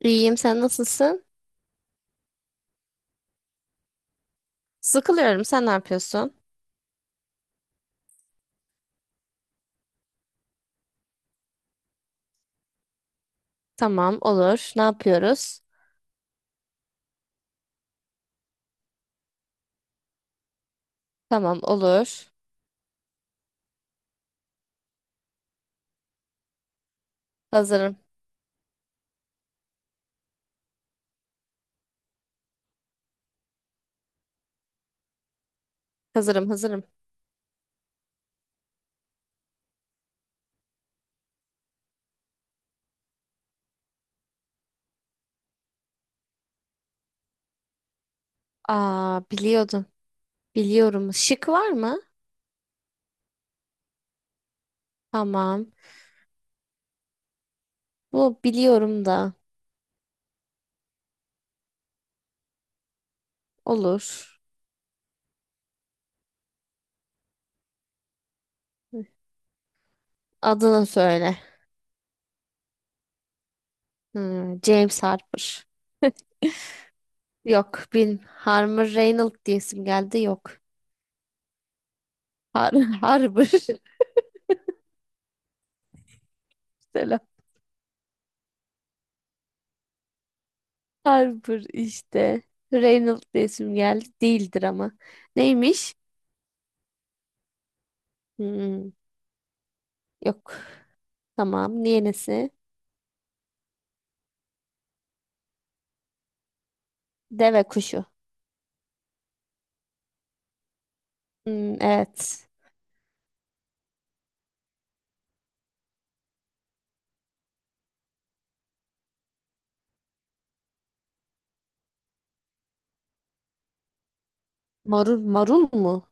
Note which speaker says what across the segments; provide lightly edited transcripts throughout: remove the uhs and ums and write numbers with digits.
Speaker 1: İyiyim, sen nasılsın? Sıkılıyorum, sen ne yapıyorsun? Tamam, olur. Ne yapıyoruz? Tamam, olur. Hazırım, hazırım, hazırım. Aa, biliyordum. Biliyorum. Şık var mı? Tamam. Bu biliyorum da. Olur. Adını söyle. Hmm, James Harper. Yok, bin Harmer Reynolds diyesim geldi. Yok. Har Harper. Selam. Harper işte. Reynolds diyesim geldi. Değildir ama. Neymiş? Hmm. Yok. Tamam. Yenisi. Deve kuşu. Hmm, evet. Marul, marul mu?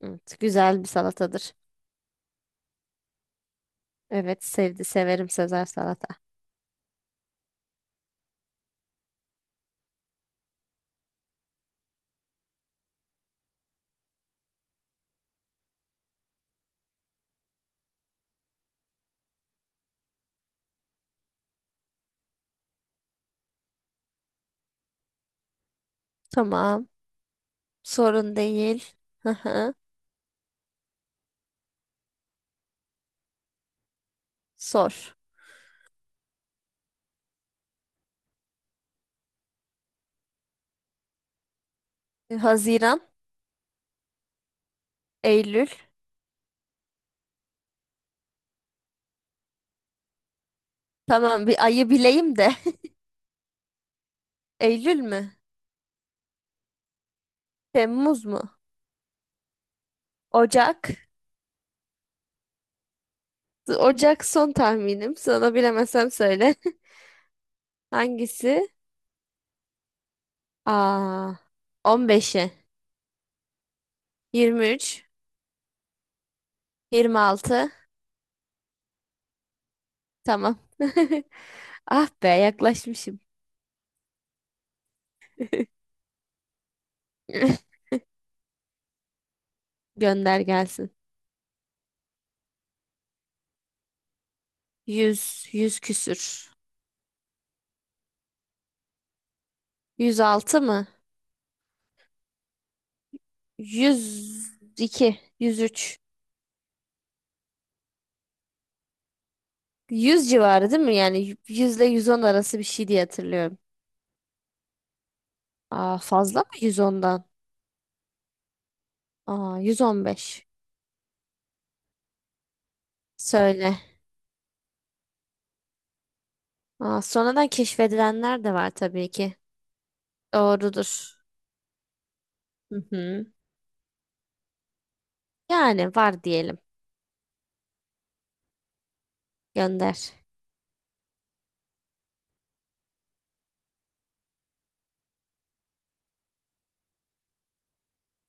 Speaker 1: Evet, güzel bir salatadır. Evet, severim Sezar salata. Tamam. Sorun değil. Hı hı. Sor. Haziran, Eylül. Tamam, bir ayı bileyim de. Eylül mü? Temmuz mu? Ocak. Ocak son tahminim. Sana bilemezsem söyle. Hangisi? Aa, 15'i, 23, 26. Tamam. Ah be yaklaşmışım. Gönder gelsin. 100 100 küsür. 106 mı? 102, 103. Yüz civarı değil mi? Yani 100 ile 110 arası bir şey diye hatırlıyorum. Aa, fazla mı 110'dan? Aa, 115. Söyle. Aa, sonradan keşfedilenler de var tabii ki. Doğrudur. Hı hı. Yani var diyelim. Gönder.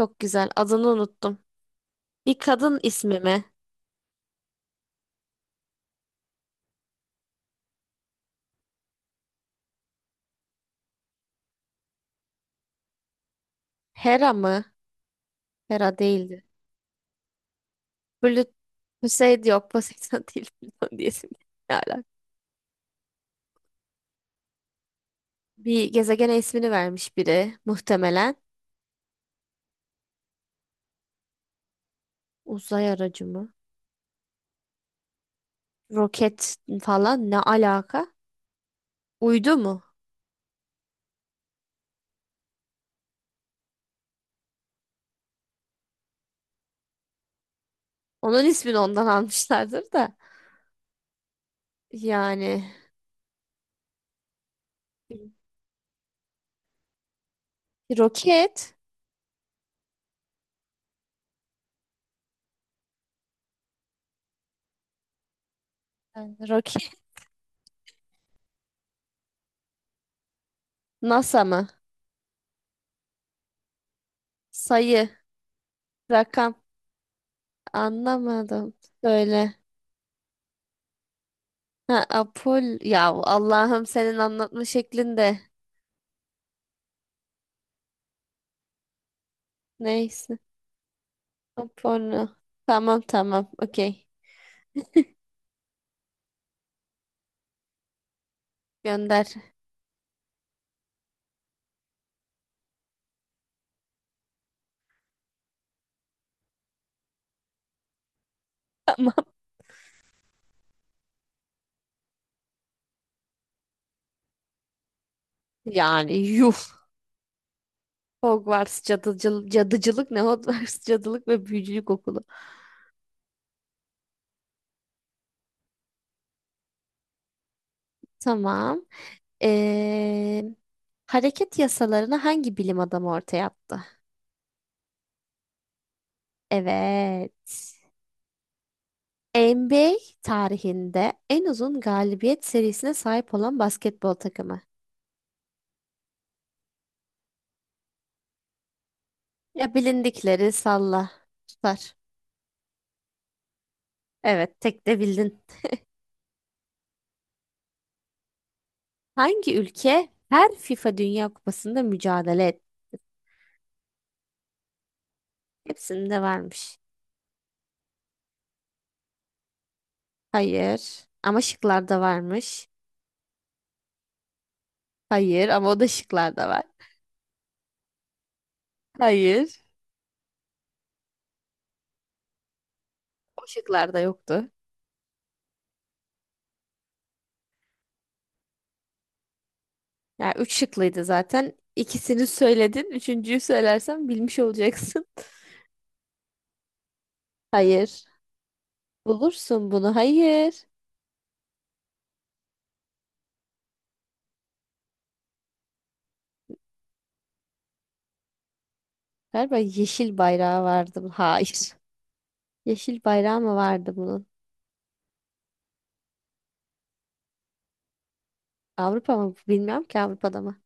Speaker 1: Çok güzel. Adını unuttum. Bir kadın ismi mi? Hera mı? Hera değildi. Böyle Hüseyin yok Poseidon değil bilmem diyesim geldi. Ne alaka? Bir gezegene ismini vermiş biri muhtemelen. Uzay aracı mı? Roket falan ne alaka? Uydu mu? Onun ismini ondan almışlardır da. Yani roket, yani roket, NASA mı? Sayı, rakam anlamadım. Söyle. Ha, Apol ya Allah'ım senin anlatma şeklinde. Neyse. Sonra. Tamam tamam. Okey. Gönder. Tamam. Yani yuf. Hogwarts cadıcılık, cadıcılık ne? Hogwarts cadılık ve büyücülük okulu. Tamam. Ee, hareket yasalarını hangi bilim adamı ortaya attı? Evet. NBA tarihinde en uzun galibiyet serisine sahip olan basketbol takımı. Ya bilindikleri salla. Süper. Evet, tek de bildin. Hangi ülke her FIFA Dünya Kupası'nda mücadele etti? Hepsinde varmış. Hayır. Ama şıklarda varmış. Hayır ama o da şıklarda var. Hayır. O şıklarda yoktu. Yani üç şıklıydı zaten. İkisini söyledin. Üçüncüyü söylersen bilmiş olacaksın. Hayır. Bulursun bunu. Hayır. Galiba yeşil bayrağı vardı. Hayır. Yeşil bayrağı mı vardı bunun? Avrupa mı? Bilmiyorum ki Avrupa'da mı?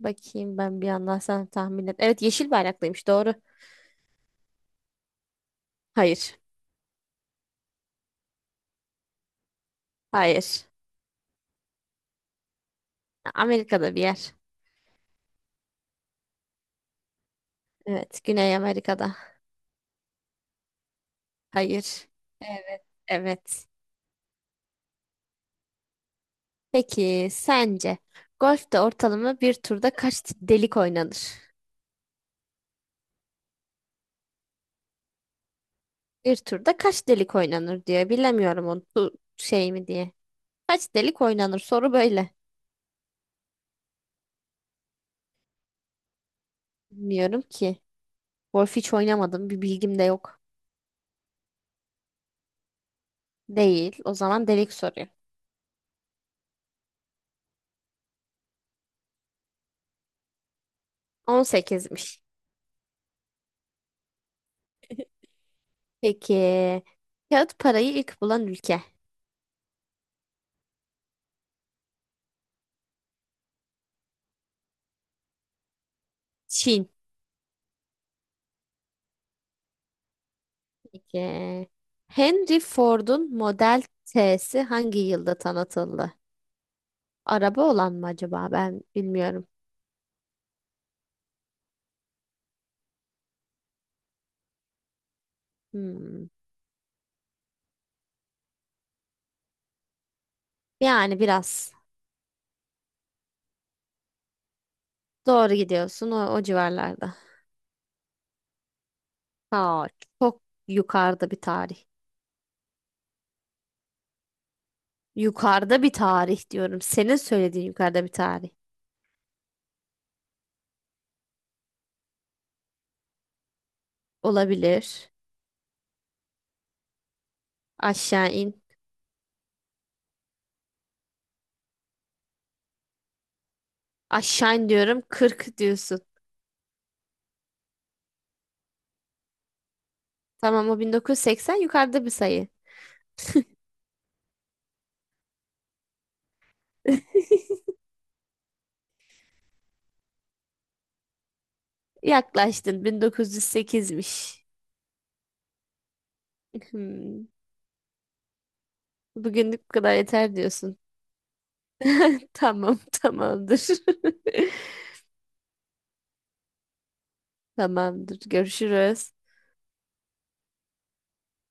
Speaker 1: Bakayım ben bir yandan sen tahmin et. Evet yeşil bayraklıymış doğru. Hayır. Hayır. Amerika'da bir yer. Evet. Güney Amerika'da. Hayır. Evet. Evet. Peki sence golfte ortalama bir turda kaç delik oynanır? Bir turda kaç delik oynanır diye bilemiyorum onu şey mi diye. Kaç delik oynanır soru böyle. Bilmiyorum ki. Golf hiç oynamadım bir bilgim de yok. Değil. O zaman delik soruyor. 18'miş. Peki kağıt parayı ilk bulan ülke. Çin. Peki. Henry Ford'un Model T'si hangi yılda tanıtıldı? Araba olan mı acaba? Ben bilmiyorum. Hmm. Yani biraz doğru gidiyorsun o civarlarda. Ha, çok yukarıda bir tarih. Yukarıda bir tarih diyorum. Senin söylediğin yukarıda bir tarih. Olabilir. Aşağı in. Aşağı in diyorum 40 diyorsun. Tamam o 1980 yukarıda bir sayı. Yaklaştın 1908'miş. Bugünlük bu kadar yeter diyorsun. Tamam, tamamdır. Tamamdır. Görüşürüz.